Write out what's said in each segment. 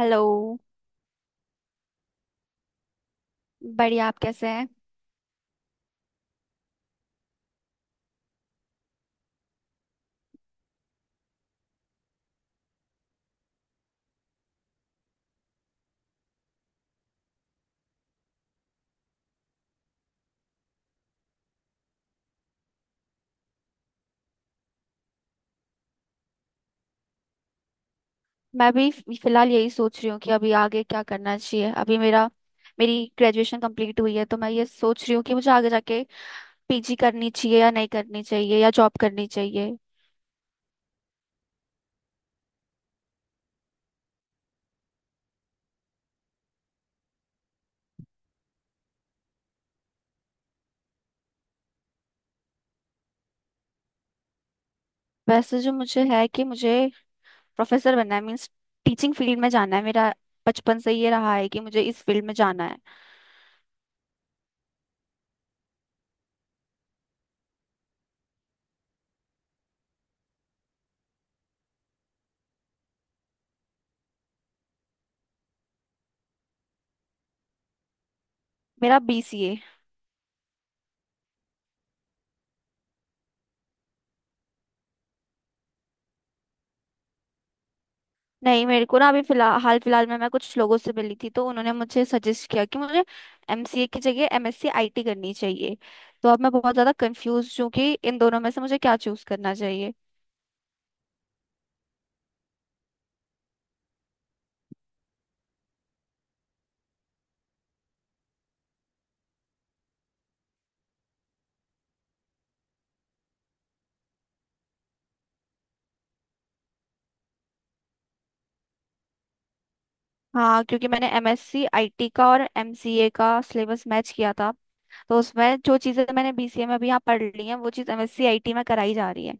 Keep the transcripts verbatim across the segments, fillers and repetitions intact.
Hello. बढ़िया। आप कैसे हैं। मैं भी फ- फिलहाल यही सोच रही हूँ कि अभी आगे क्या करना चाहिए। अभी मेरा मेरी ग्रेजुएशन कंप्लीट हुई है, तो मैं ये सोच रही हूँ कि मुझे आगे जाके पीजी करनी चाहिए या नहीं करनी चाहिए या जॉब करनी चाहिए। वैसे जो मुझे है कि मुझे प्रोफेसर बनना है। मीन्स टीचिंग फील्ड में जाना है। मेरा बचपन से ये रहा है कि मुझे इस फील्ड में जाना है। मेरा बीसीए। नहीं, मेरे को ना अभी फिलहाल, हाल फिलहाल में मैं कुछ लोगों से मिली थी, तो उन्होंने मुझे सजेस्ट किया कि मुझे एमसीए की जगह एमएससी आईटी करनी चाहिए। तो अब मैं बहुत ज़्यादा कंफ्यूज हूँ कि इन दोनों में से मुझे क्या चूज़ करना चाहिए। हाँ, क्योंकि मैंने एमएससी आईटी का और एमसीए का सिलेबस मैच किया था, तो उसमें जो चीज़ें मैंने बीसीए में अभी यहाँ पढ़ ली हैं वो चीज़ एमएससी आईटी में कराई जा रही है।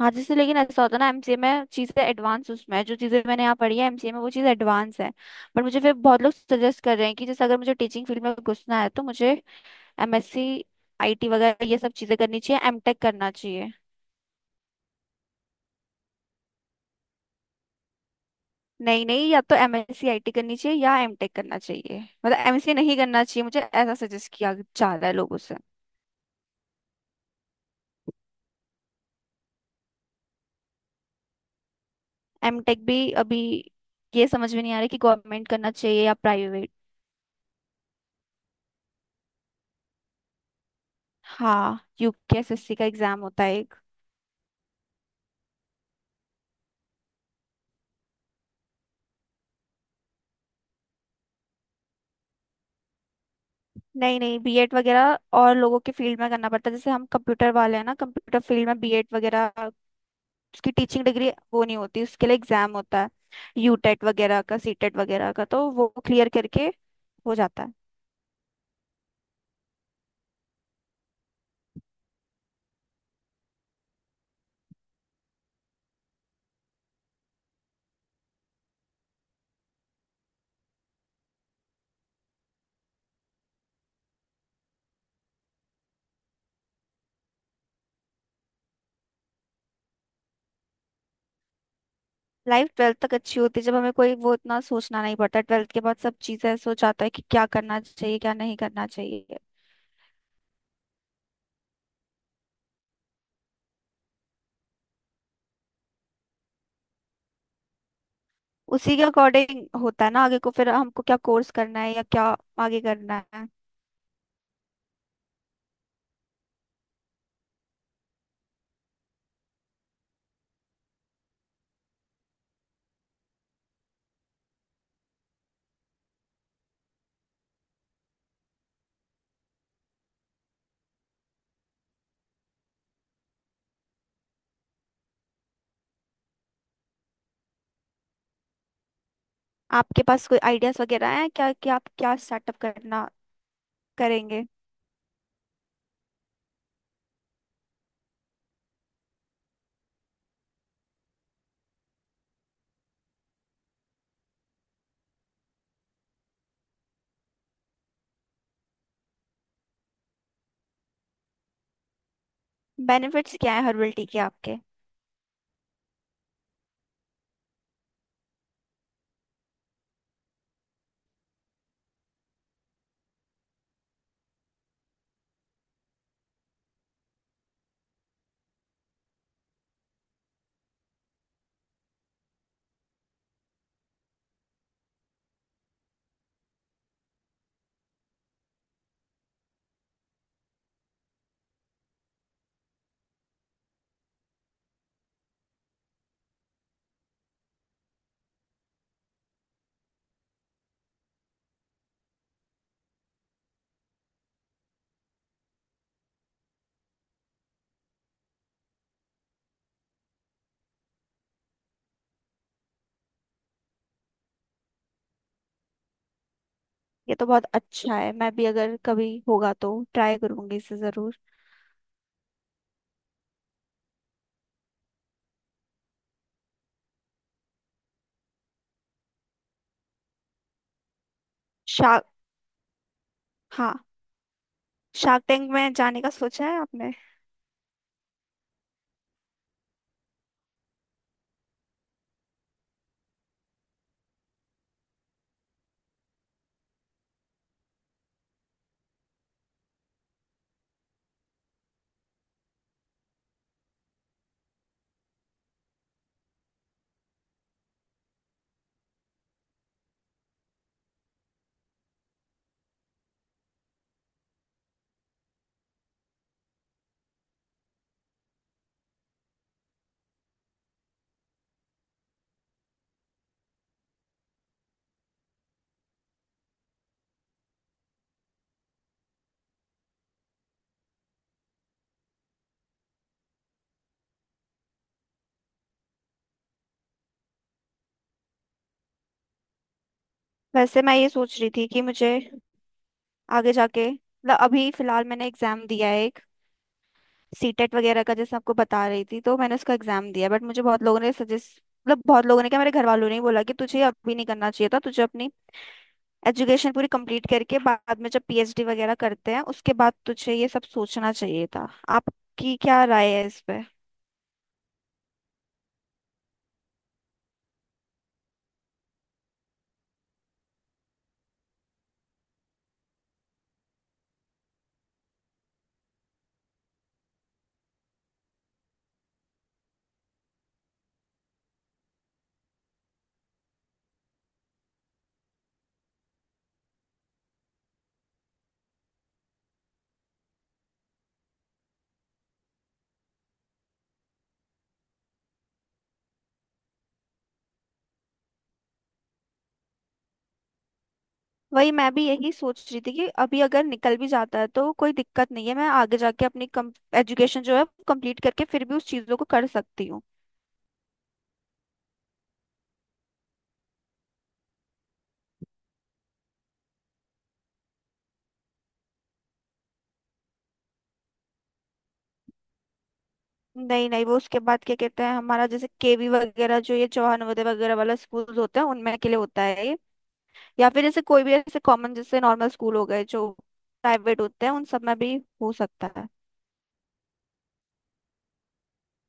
हाँ, जैसे लेकिन ऐसा होता है ना, एमसीए में चीजें एडवांस उसमें है, जो चीजें मैंने यहाँ पढ़ी है एमसीए में वो चीज़ एडवांस है। बट मुझे फिर बहुत लोग सजेस्ट कर रहे हैं कि जैसे अगर मुझे टीचिंग फील्ड में घुसना है तो मुझे एमएससी आईटी वगैरह ये सब चीजें करनी चाहिए, एमटेक करना चाहिए। नहीं नहीं, या तो एमएससी आईटी करनी चाहिए या एमटेक करना चाहिए। मतलब एमएससी नहीं करना चाहिए मुझे, ऐसा सजेस्ट किया जा रहा है लोगों से। एमटेक भी अभी ये समझ में नहीं आ रहा कि गवर्नमेंट करना चाहिए या प्राइवेट। हाँ, यूकेएसएससी का एग्जाम होता है। नहीं नहीं, बीएड वगैरह और लोगों के फील्ड में करना पड़ता है। जैसे हम कंप्यूटर वाले हैं ना, कंप्यूटर फील्ड में बीएड वगैरह उसकी टीचिंग डिग्री वो नहीं होती। उसके लिए एग्जाम होता है, यूटेट वगैरह का, सीटेट वगैरह का, तो वो क्लियर करके हो जाता है। लाइफ ट्वेल्थ तक अच्छी होती है, जब हमें कोई वो इतना सोचना नहीं पड़ता। ट्वेल्थ के बाद सब चीजें सोच आता है कि क्या करना चाहिए क्या नहीं करना चाहिए। उसी के अकॉर्डिंग होता है ना आगे को, फिर हमको क्या कोर्स करना है या क्या आगे करना है। आपके पास कोई आइडियाज वगैरह हैं क्या कि आप क्या स्टार्टअप करना करेंगे बेनिफिट्स क्या है हर्बल टी के आपके। ये तो बहुत अच्छा है, मैं भी अगर कभी होगा तो ट्राई करूंगी इसे जरूर। शार्क हाँ, शार्क टैंक में जाने का सोचा है आपने। वैसे मैं ये सोच रही थी कि मुझे आगे जाके, मतलब अभी फिलहाल मैंने एग्जाम दिया है, सीटेट वगैरह का, जैसे आपको बता रही थी, तो मैंने उसका एग्जाम दिया। बट मुझे बहुत लोगों ने सजेस्ट, मतलब बहुत लोगों ने क्या, मेरे घर वालों ने ही बोला कि तुझे अभी नहीं करना चाहिए था, तुझे अपनी एजुकेशन पूरी कंप्लीट करके बाद में जब पीएचडी वगैरह करते हैं उसके बाद तुझे ये सब सोचना चाहिए था। आपकी क्या राय है इस पे। वही मैं भी यही सोच रही थी कि अभी अगर निकल भी जाता है तो कोई दिक्कत नहीं है, मैं आगे जाके अपनी एजुकेशन जो है कंप्लीट करके फिर भी उस चीज़ों को कर सकती हूँ। नहीं नहीं, वो उसके बाद क्या कहते हैं हमारा, जैसे केवी वगैरह जो ये चौहान नवोदय वगैरह वाला स्कूल होता है उनमें के लिए होता है ये। या फिर जैसे कोई भी ऐसे कॉमन, जैसे नॉर्मल स्कूल हो गए जो प्राइवेट होते हैं उन सब में भी हो सकता है।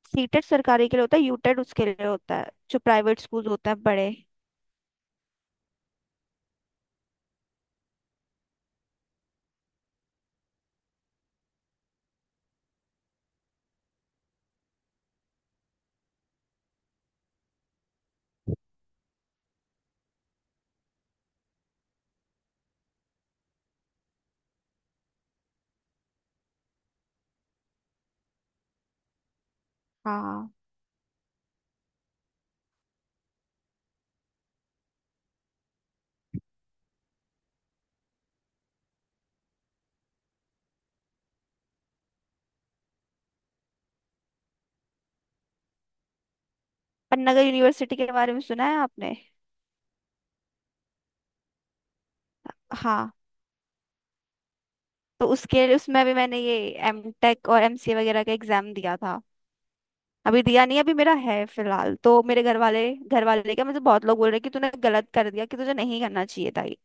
सीटेट सरकारी के लिए होता है, यूटेट उसके लिए होता है जो प्राइवेट स्कूल होते हैं बड़े। हाँ। पन्नागर यूनिवर्सिटी के बारे में सुना है आपने। हाँ, तो उसके लिए उसमें भी मैंने ये एमटेक और एमसीए वगैरह का एग्जाम दिया था। अभी दिया नहीं, अभी मेरा है फिलहाल, तो मेरे घर वाले घर वाले क्या, मुझे बहुत लोग बोल रहे हैं कि तूने गलत कर दिया कि तुझे नहीं करना चाहिए था ये।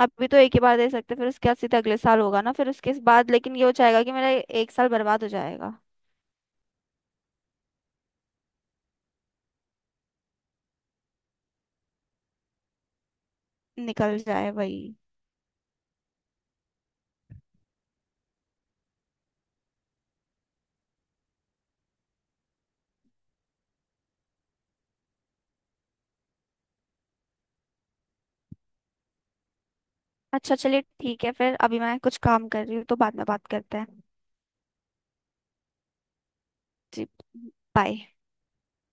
अभी तो एक ही बार दे सकते, फिर उसके बाद सीधा अगले साल होगा ना, फिर उसके बाद लेकिन ये हो जाएगा कि मेरा एक साल बर्बाद हो जाएगा। निकल जाए, वही। अच्छा, चलिए, ठीक है फिर। अभी मैं कुछ काम कर रही हूँ तो बाद में बात करते हैं। जी। बाय।